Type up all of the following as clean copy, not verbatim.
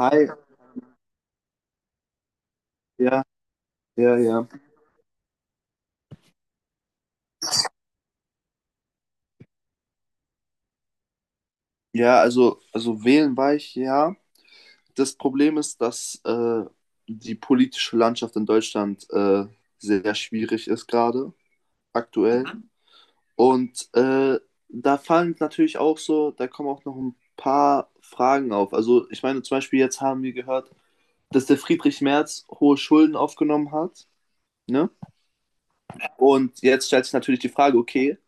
Hi, ja, ja, ja. Ja, also wählen war ich, ja. Das Problem ist, dass die politische Landschaft in Deutschland sehr schwierig ist gerade, aktuell. Mhm. Und da fallen natürlich auch so, da kommen auch noch ein paar Fragen auf. Also ich meine, zum Beispiel jetzt haben wir gehört, dass der Friedrich Merz hohe Schulden aufgenommen hat, ne? Und jetzt stellt sich natürlich die Frage, okay,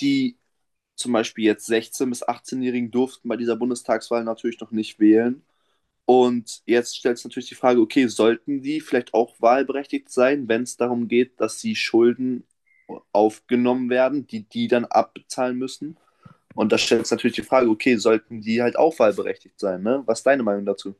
die zum Beispiel jetzt 16- bis 18-Jährigen durften bei dieser Bundestagswahl natürlich noch nicht wählen. Und jetzt stellt sich natürlich die Frage, okay, sollten die vielleicht auch wahlberechtigt sein, wenn es darum geht, dass sie Schulden aufgenommen werden, die die dann abbezahlen müssen? Und da stellt sich natürlich die Frage, okay, sollten die halt auch wahlberechtigt sein, ne? Was ist deine Meinung dazu?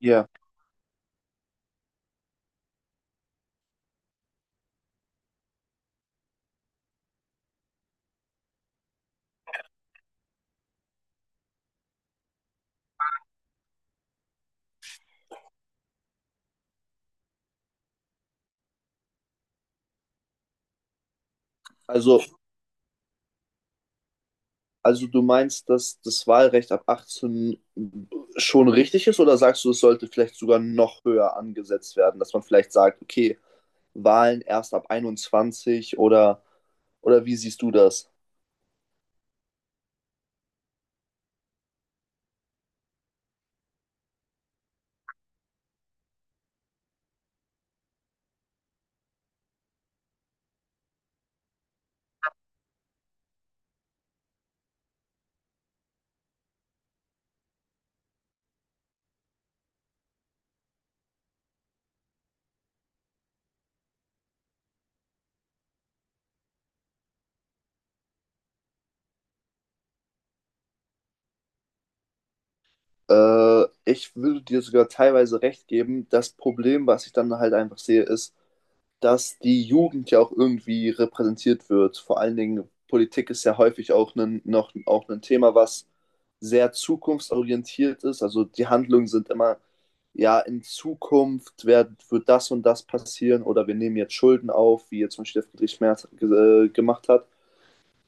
Ja, yeah. Also Also du meinst, dass das Wahlrecht ab 18 schon richtig ist oder sagst du, es sollte vielleicht sogar noch höher angesetzt werden, dass man vielleicht sagt, okay, Wahlen erst ab 21 oder wie siehst du das? Ich würde dir sogar teilweise recht geben. Das Problem, was ich dann halt einfach sehe, ist, dass die Jugend ja auch irgendwie repräsentiert wird. Vor allen Dingen Politik ist ja häufig auch ein, noch auch ein Thema, was sehr zukunftsorientiert ist. Also die Handlungen sind immer, ja, in Zukunft wird das und das passieren oder wir nehmen jetzt Schulden auf, wie jetzt zum Beispiel der Friedrich Merz gemacht hat,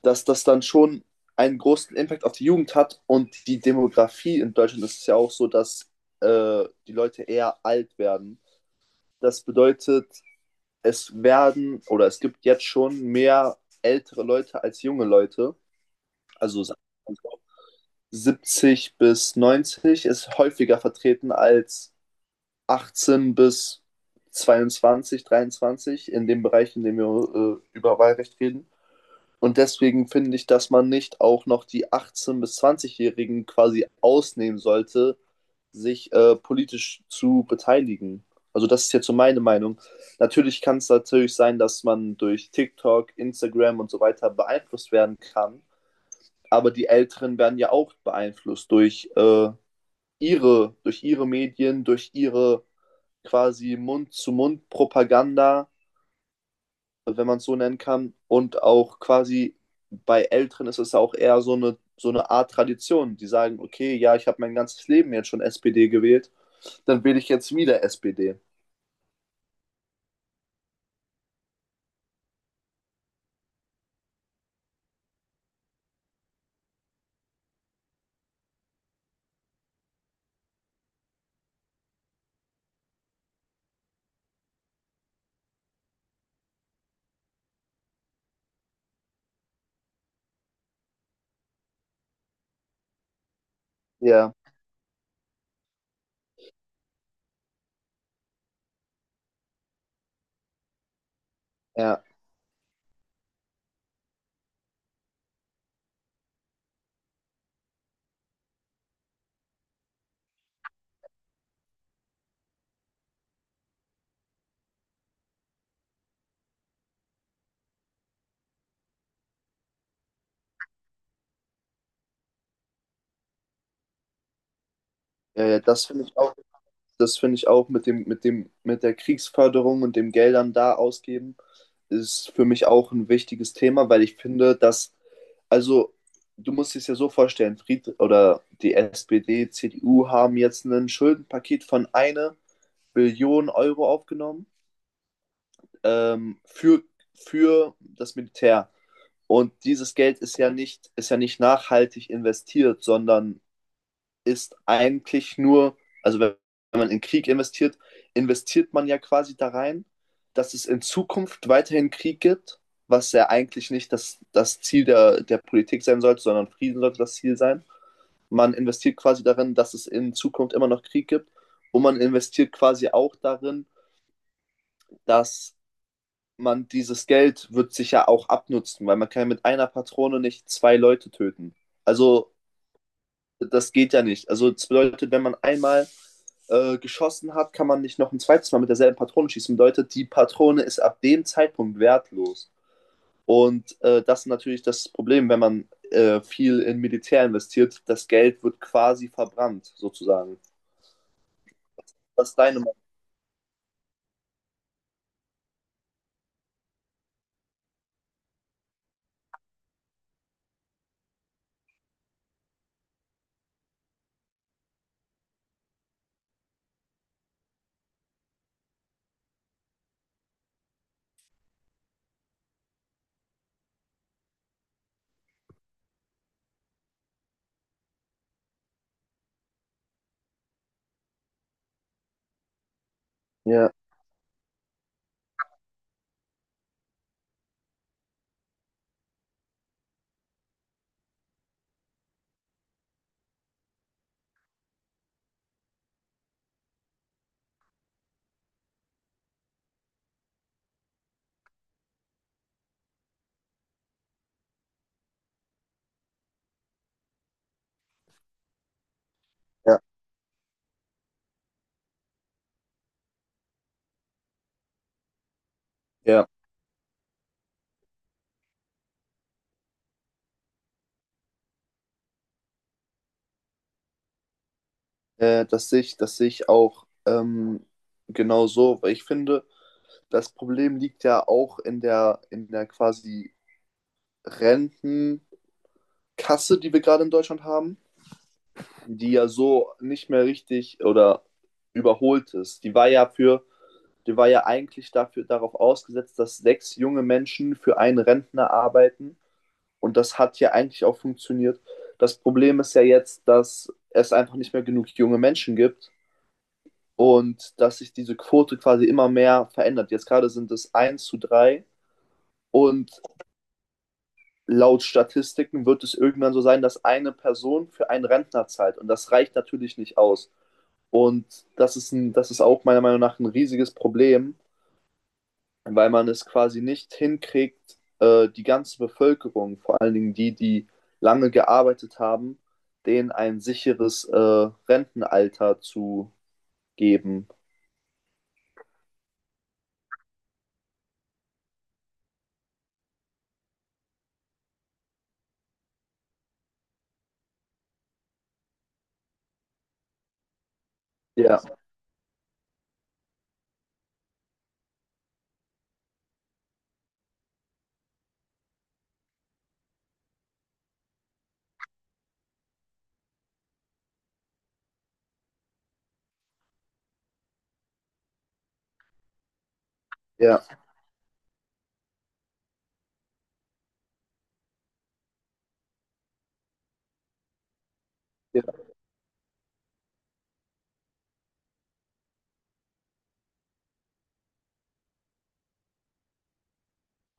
dass das dann schon einen großen Impact auf die Jugend hat und die Demografie in Deutschland ist ja auch so, dass die Leute eher alt werden. Das bedeutet, es werden oder es gibt jetzt schon mehr ältere Leute als junge Leute. Also 70 bis 90 ist häufiger vertreten als 18 bis 22, 23 in dem Bereich, in dem wir über Wahlrecht reden. Und deswegen finde ich, dass man nicht auch noch die 18- bis 20-Jährigen quasi ausnehmen sollte, sich politisch zu beteiligen. Also das ist jetzt so meine Meinung. Natürlich kann es natürlich sein, dass man durch TikTok, Instagram und so weiter beeinflusst werden kann, aber die Älteren werden ja auch beeinflusst durch durch ihre Medien, durch ihre quasi Mund-zu-Mund-Propaganda, wenn man es so nennen kann. Und auch quasi bei Älteren ist es ja auch eher so eine Art Tradition. Die sagen, okay, ja, ich habe mein ganzes Leben jetzt schon SPD gewählt, dann wähle ich jetzt wieder SPD. Ja, ja, ja, ja, das finde ich auch mit der Kriegsförderung und dem Geldern da ausgeben, ist für mich auch ein wichtiges Thema, weil ich finde, also du musst es ja so vorstellen, Fried oder die SPD, CDU haben jetzt ein Schuldenpaket von eine Billionen Euro aufgenommen ähm, für, für das Militär. Und dieses Geld ist ja nicht nachhaltig investiert, sondern ist eigentlich nur, also wenn man in Krieg investiert, investiert man ja quasi da rein, dass es in Zukunft weiterhin Krieg gibt, was ja eigentlich nicht das Ziel der Politik sein sollte, sondern Frieden sollte das Ziel sein. Man investiert quasi darin, dass es in Zukunft immer noch Krieg gibt und man investiert quasi auch darin, dass man dieses Geld wird sich ja auch abnutzen, weil man kann ja mit einer Patrone nicht zwei Leute töten. Also das geht ja nicht. Also das bedeutet, wenn man einmal geschossen hat, kann man nicht noch ein zweites Mal mit derselben Patrone schießen. Bedeutet, die Patrone ist ab dem Zeitpunkt wertlos. Und das ist natürlich das Problem, wenn man viel in Militär investiert. Das Geld wird quasi verbrannt, sozusagen. Das ist deine Meinung. Ja, ja, ja. Das sehe ich, das sehe ich, auch genau so, weil ich finde, das Problem liegt ja auch in der quasi Rentenkasse, die wir gerade in Deutschland haben, die ja so nicht mehr richtig oder überholt ist. Die war ja eigentlich dafür darauf ausgesetzt, dass sechs junge Menschen für einen Rentner arbeiten. Und das hat ja eigentlich auch funktioniert. Das Problem ist ja jetzt, dass es einfach nicht mehr genug junge Menschen gibt und dass sich diese Quote quasi immer mehr verändert. Jetzt gerade sind es 1:3 und laut Statistiken wird es irgendwann so sein, dass eine Person für einen Rentner zahlt. Und das reicht natürlich nicht aus. Und das ist auch meiner Meinung nach ein riesiges Problem, weil man es quasi nicht hinkriegt, die ganze Bevölkerung, vor allen Dingen die, die lange gearbeitet haben, denen ein sicheres Rentenalter zu geben. Ja, ja, ja,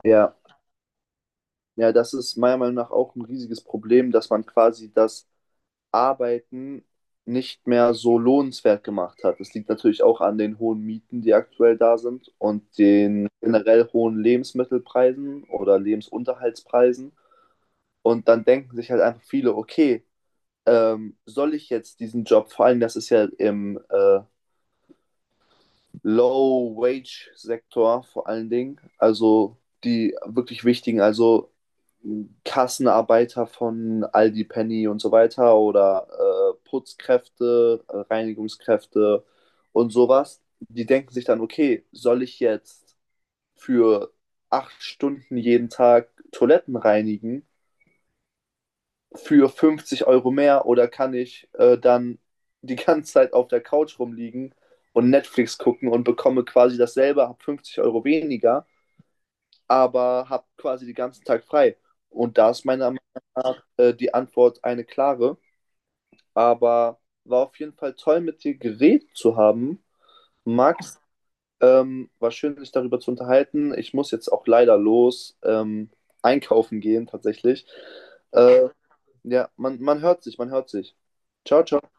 ja. Ja, das ist meiner Meinung nach auch ein riesiges Problem, dass man quasi das Arbeiten nicht mehr so lohnenswert gemacht hat. Das liegt natürlich auch an den hohen Mieten, die aktuell da sind, und den generell hohen Lebensmittelpreisen oder Lebensunterhaltspreisen. Und dann denken sich halt einfach viele, okay, soll ich jetzt diesen Job, vor allem das ist ja im Low-Wage-Sektor vor allen Dingen. Also die wirklich wichtigen, also Kassenarbeiter von Aldi, Penny und so weiter oder Putzkräfte, Reinigungskräfte und sowas. Die denken sich dann, okay, soll ich jetzt für 8 Stunden jeden Tag Toiletten reinigen? Für 50 Euro mehr oder kann ich dann die ganze Zeit auf der Couch rumliegen und Netflix gucken und bekomme quasi dasselbe, habe 50 Euro weniger, aber habe quasi den ganzen Tag frei. Und da ist meine die Antwort eine klare. Aber war auf jeden Fall toll, mit dir geredet zu haben. Max, war schön, sich darüber zu unterhalten. Ich muss jetzt auch leider los, einkaufen gehen, tatsächlich. Äh, ja, man hört sich, man hört sich. Ciao, ciao.